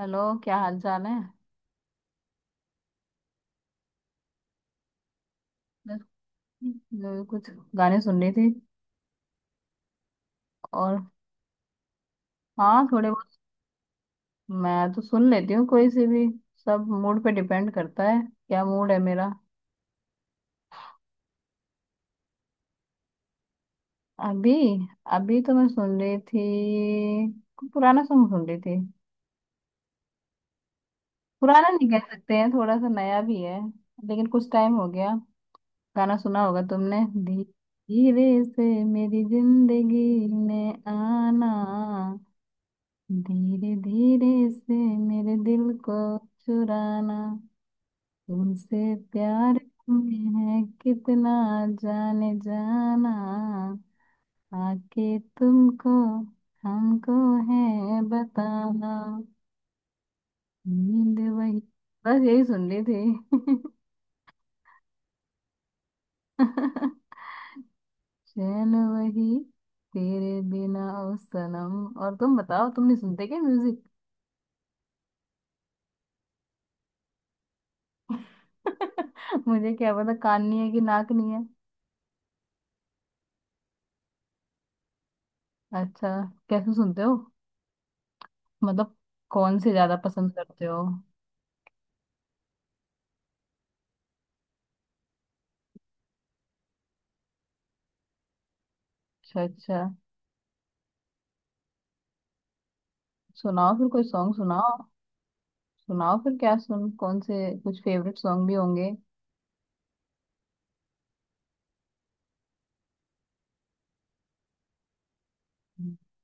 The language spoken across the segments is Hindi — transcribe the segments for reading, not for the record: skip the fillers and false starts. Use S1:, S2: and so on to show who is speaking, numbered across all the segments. S1: हेलो, क्या हाल चाल है। बस मैं तो कुछ गाने सुन रही थी और हाँ, थोड़े बहुत। मैं तो सुन लेती हूँ कोई से भी, सब मूड पे डिपेंड करता है, क्या मूड है मेरा। अभी अभी तो मैं सुन रही थी, कोई पुराना सॉन्ग सुन रही थी। पुराना नहीं कह सकते हैं, थोड़ा सा नया भी है लेकिन कुछ टाइम हो गया। गाना सुना होगा तुमने, धीरे से मेरी जिंदगी में आना, धीरे धीरे से मेरे दिल को चुराना, तुमसे प्यार में है कितना जाने जाना, आके तुमको हमको है बताना, नींद वही। बस यही सुन ली थी। चैन वही, तेरे बिना ओ सनम। और तुम बताओ, तुम नहीं सुनते क्या म्यूजिक? मुझे क्या पता, कान नहीं है कि नाक नहीं। अच्छा, कैसे सुनते हो, मतलब कौन से ज्यादा पसंद करते हो? अच्छा अच्छा, सुनाओ फिर कोई सॉन्ग सुनाओ। सुनाओ फिर क्या सुन कौन से, कुछ फेवरेट सॉन्ग भी होंगे,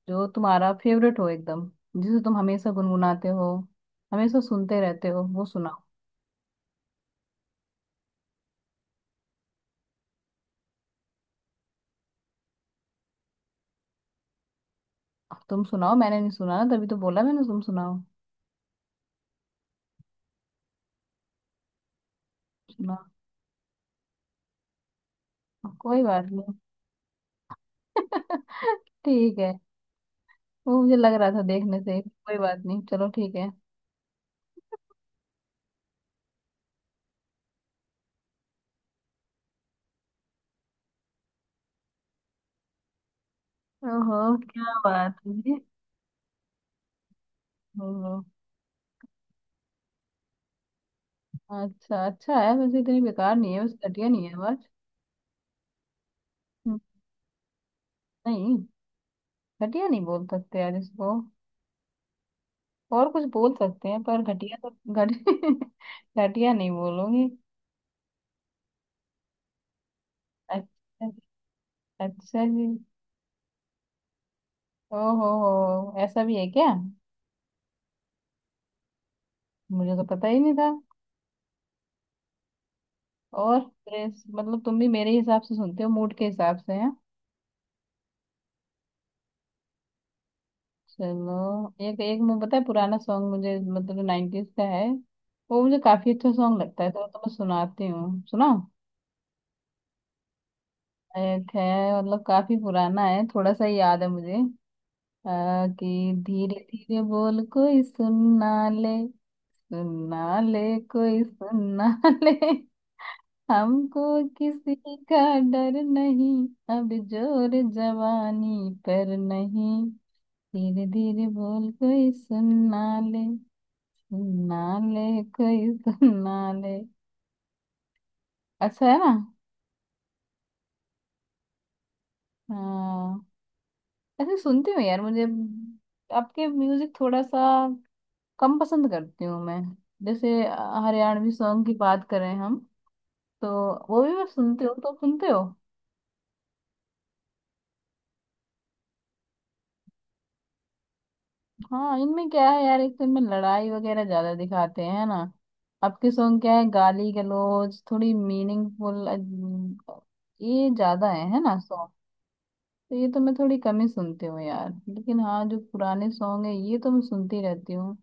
S1: जो तुम्हारा फेवरेट हो एकदम, जिसे तुम हमेशा गुनगुनाते हो, हमेशा सुनते रहते हो वो सुनाओ। अब तुम सुनाओ, मैंने नहीं सुना ना, तभी तो बोला मैंने तुम सुनाओ। सुनाओ। कोई बात नहीं। ठीक है, वो मुझे लग रहा था देखने से ही। कोई बात नहीं, चलो ठीक है। ओहो, क्या बात है। ओहो। अच्छा, अच्छा है वैसे, इतनी बेकार नहीं है, वैसे घटिया नहीं है आवाज। हम्म। नहीं, घटिया नहीं बोल सकते यार इसको, और कुछ बोल सकते हैं पर घटिया तो घट घटिया नहीं बोलोगे। अच्छा जी, अच्छा जी। ओहो हो, ऐसा भी है क्या? मुझे तो पता ही नहीं था। और प्रेस मतलब तुम भी मेरे हिसाब से सुनते हो, मूड के हिसाब से हैं। चलो। एक एक मैं पता है, पुराना सॉन्ग मुझे, मतलब 90s का है, वो मुझे काफी अच्छा सॉन्ग लगता है, तो मैं सुनाती हूँ सुना। एक है, मतलब काफी पुराना है, थोड़ा सा याद है मुझे। कि धीरे धीरे बोल कोई सुनना ले, सुनना ले, कोई सुनना ले, हमको किसी का डर नहीं, अब जोर जवानी पर नहीं, धीरे धीरे बोल कोई सुनना ले, सुनना ले कोई सुनना ले। अच्छा है ना? हाँ, ऐसे सुनती हूँ यार मुझे। आपके म्यूजिक थोड़ा सा कम पसंद करती हूँ मैं। जैसे हरियाणवी सॉन्ग की बात करें हम तो, वो भी मैं सुनती हूँ, तो सुनते हो? हाँ, इनमें क्या है यार, एक तो इनमें लड़ाई वगैरह ज्यादा दिखाते हैं, है ना? आपके सॉन्ग क्या है गाली गलौज, थोड़ी मीनिंगफुल ये ज्यादा है ना सॉन्ग। तो ये तो मैं थोड़ी कम ही सुनती हूँ यार, लेकिन हाँ, जो पुराने सॉन्ग है ये तो मैं सुनती रहती हूँ।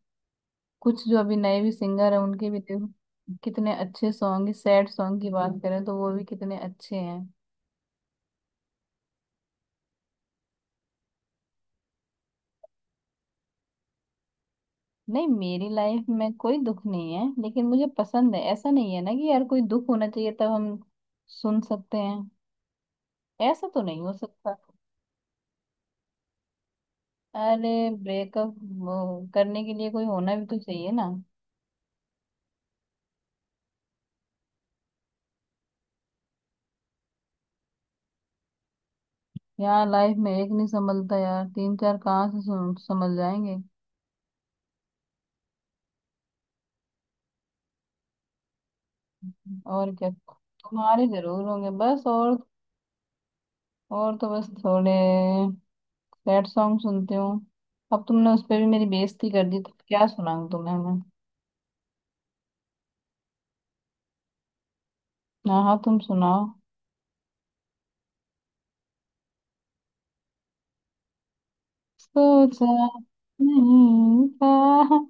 S1: कुछ जो अभी नए भी सिंगर है, उनके भी देखो, कितने अच्छे सॉन्ग, सैड सॉन्ग की बात करें तो वो भी कितने अच्छे हैं। नहीं, मेरी लाइफ में कोई दुख नहीं है, लेकिन मुझे पसंद है, ऐसा नहीं है ना कि यार कोई दुख होना चाहिए तब हम सुन सकते हैं, ऐसा तो नहीं हो सकता। अरे, ब्रेकअप करने के लिए कोई होना भी तो चाहिए ना। यहाँ लाइफ में एक नहीं संभलता यार, तीन चार कहाँ से संभल जाएंगे। और क्या, तुम्हारे जरूर होंगे, बस। और तो बस थोड़े सैड सॉन्ग सुनती हूँ। अब तुमने उस पर भी मेरी बेइज्जती कर दी, तो क्या सुनाऊँ तुम्हें मैं? हाँ हाँ, तुम सुनाओ। सोचा नहीं था।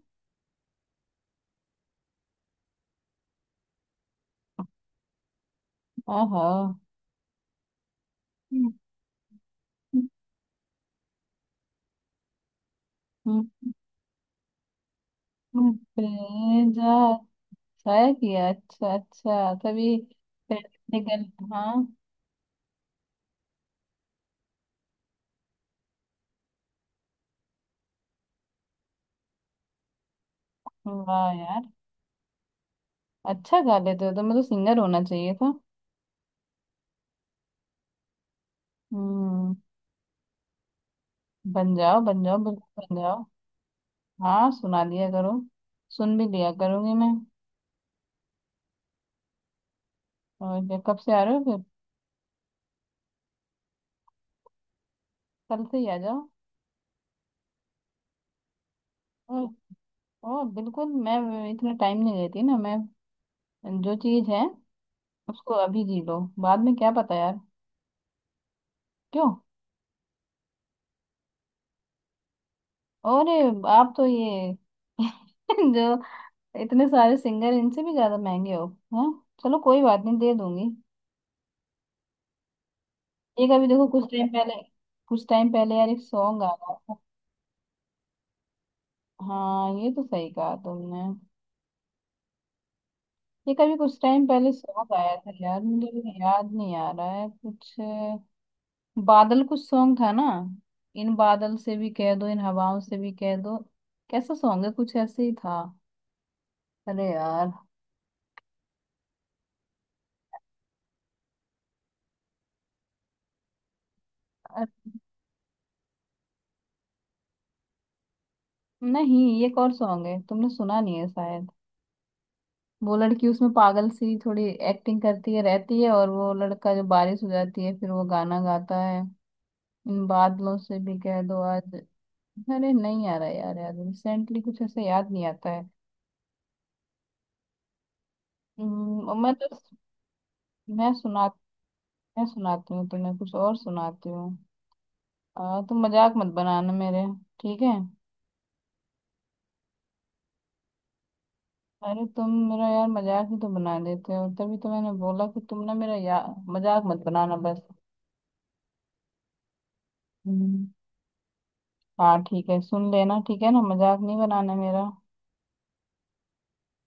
S1: आहा। हम्म। बेजा शायर किया, अच्छा अच्छा तभी पहले निकल। हाँ। वाह यार, अच्छा गा लेते हो, तुम्हें तो सिंगर होना चाहिए था। हम्म। बन जाओ बन जाओ, बिल्कुल बन जाओ। हाँ, सुना दिया करो, सुन भी लिया करूंगी मैं। और क्या, कब से आ रहे हो फिर? कल से ही आ जाओ। ओ, ओ बिल्कुल, मैं इतना टाइम नहीं लेती ना मैं, जो चीज़ है उसको अभी जी लो, बाद में क्या पता यार, क्यों। और ये आप तो ये जो इतने सारे सिंगर, इनसे भी ज्यादा महंगे हो। हाँ, चलो कोई बात नहीं, दे दूंगी। एक अभी देखो कुछ टाइम पहले, कुछ टाइम पहले यार एक सॉन्ग आया था। हाँ, ये तो सही कहा तुमने। एक अभी कुछ टाइम पहले सॉन्ग आया था यार, मुझे अभी याद नहीं आ रहा है कुछ, बादल कुछ सॉन्ग था ना। इन बादल से भी कह दो, इन हवाओं से भी कह दो, कैसा सॉन्ग है, कुछ ऐसे ही था। अरे यार। नहीं, ये एक और सॉन्ग है, तुमने सुना नहीं है शायद। वो लड़की उसमें पागल सी थोड़ी एक्टिंग करती है रहती है, और वो लड़का जो बारिश हो जाती है, फिर वो गाना गाता है, इन बादलों से भी कह दो आज। अरे नहीं आ रहा यार, यार रिसेंटली कुछ ऐसे याद नहीं आता है। मैं तो मैं सुना मैं सुनाती हूँ तुम्हें, कुछ और सुनाती हूँ। तुम मजाक मत बनाना मेरे, ठीक है? अरे, तुम मेरा यार मजाक ही तो बना देते हो, तभी तो मैंने बोला कि तुम ना मेरा या मजाक मत बनाना बस। हम्म। हाँ ठीक है, सुन लेना, ठीक है ना, मजाक नहीं बनाना मेरा।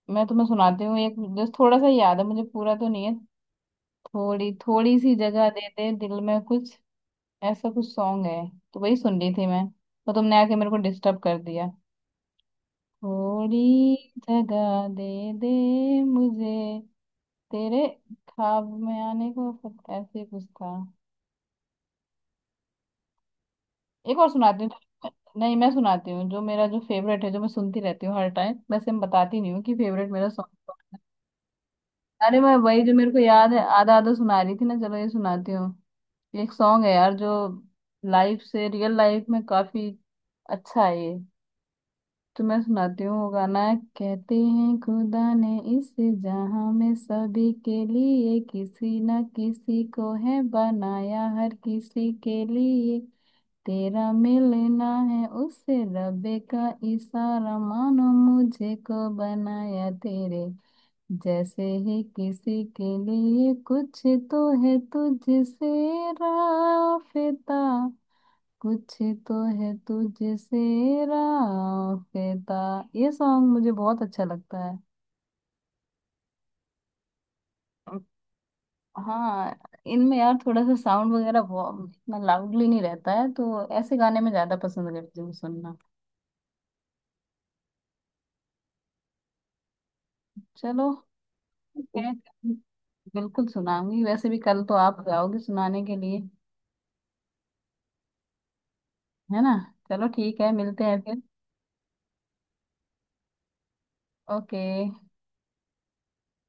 S1: मैं तुम्हें सुनाती हूँ एक, बस थोड़ा सा याद है मुझे, पूरा तो नहीं है। थोड़ी थोड़ी सी जगह दे दे दिल में, कुछ ऐसा कुछ सॉन्ग है, तो वही सुन रही थी मैं, तो तुमने आके मेरे को डिस्टर्ब कर दिया। थोड़ी जगह दे दे मुझे तेरे ख्वाब में आने को, फिर ऐसे कुछ था। एक और सुनाती हूँ। तो- नहीं, मैं सुनाती हूँ जो मेरा जो फेवरेट है, जो मैं सुनती रहती हूँ हर टाइम, वैसे मैं बताती नहीं हूँ कि फेवरेट मेरा सॉन्ग। अरे, मैं वही जो मेरे को याद है आधा आधा सुना रही थी ना, चलो ये सुनाती हूँ। ये एक सॉन्ग है यार, जो लाइफ से रियल लाइफ में काफी अच्छा है ये, तो मैं सुनाती हूँ। वो गाना है, कहते हैं खुदा ने इस जहां में सभी के लिए किसी न किसी को है बनाया हर किसी के लिए, तेरा मिलना है उससे रबे का इशारा मानो, मुझे को बनाया तेरे जैसे ही किसी के लिए, कुछ तो है तुझसे राफेता, कुछ तो है तुझसे राफेता। ये सॉन्ग मुझे बहुत अच्छा लगता है। अम, हाँ, इनमें यार थोड़ा सा साउंड वगैरह बहुत इतना लाउडली नहीं रहता है, तो ऐसे गाने में ज्यादा पसंद करती हूँ सुनना। चलो ठीक है। बिल्कुल सुनाऊंगी, वैसे भी कल तो आप जाओगे सुनाने के लिए, है ना? चलो ठीक है, मिलते हैं फिर। ओके।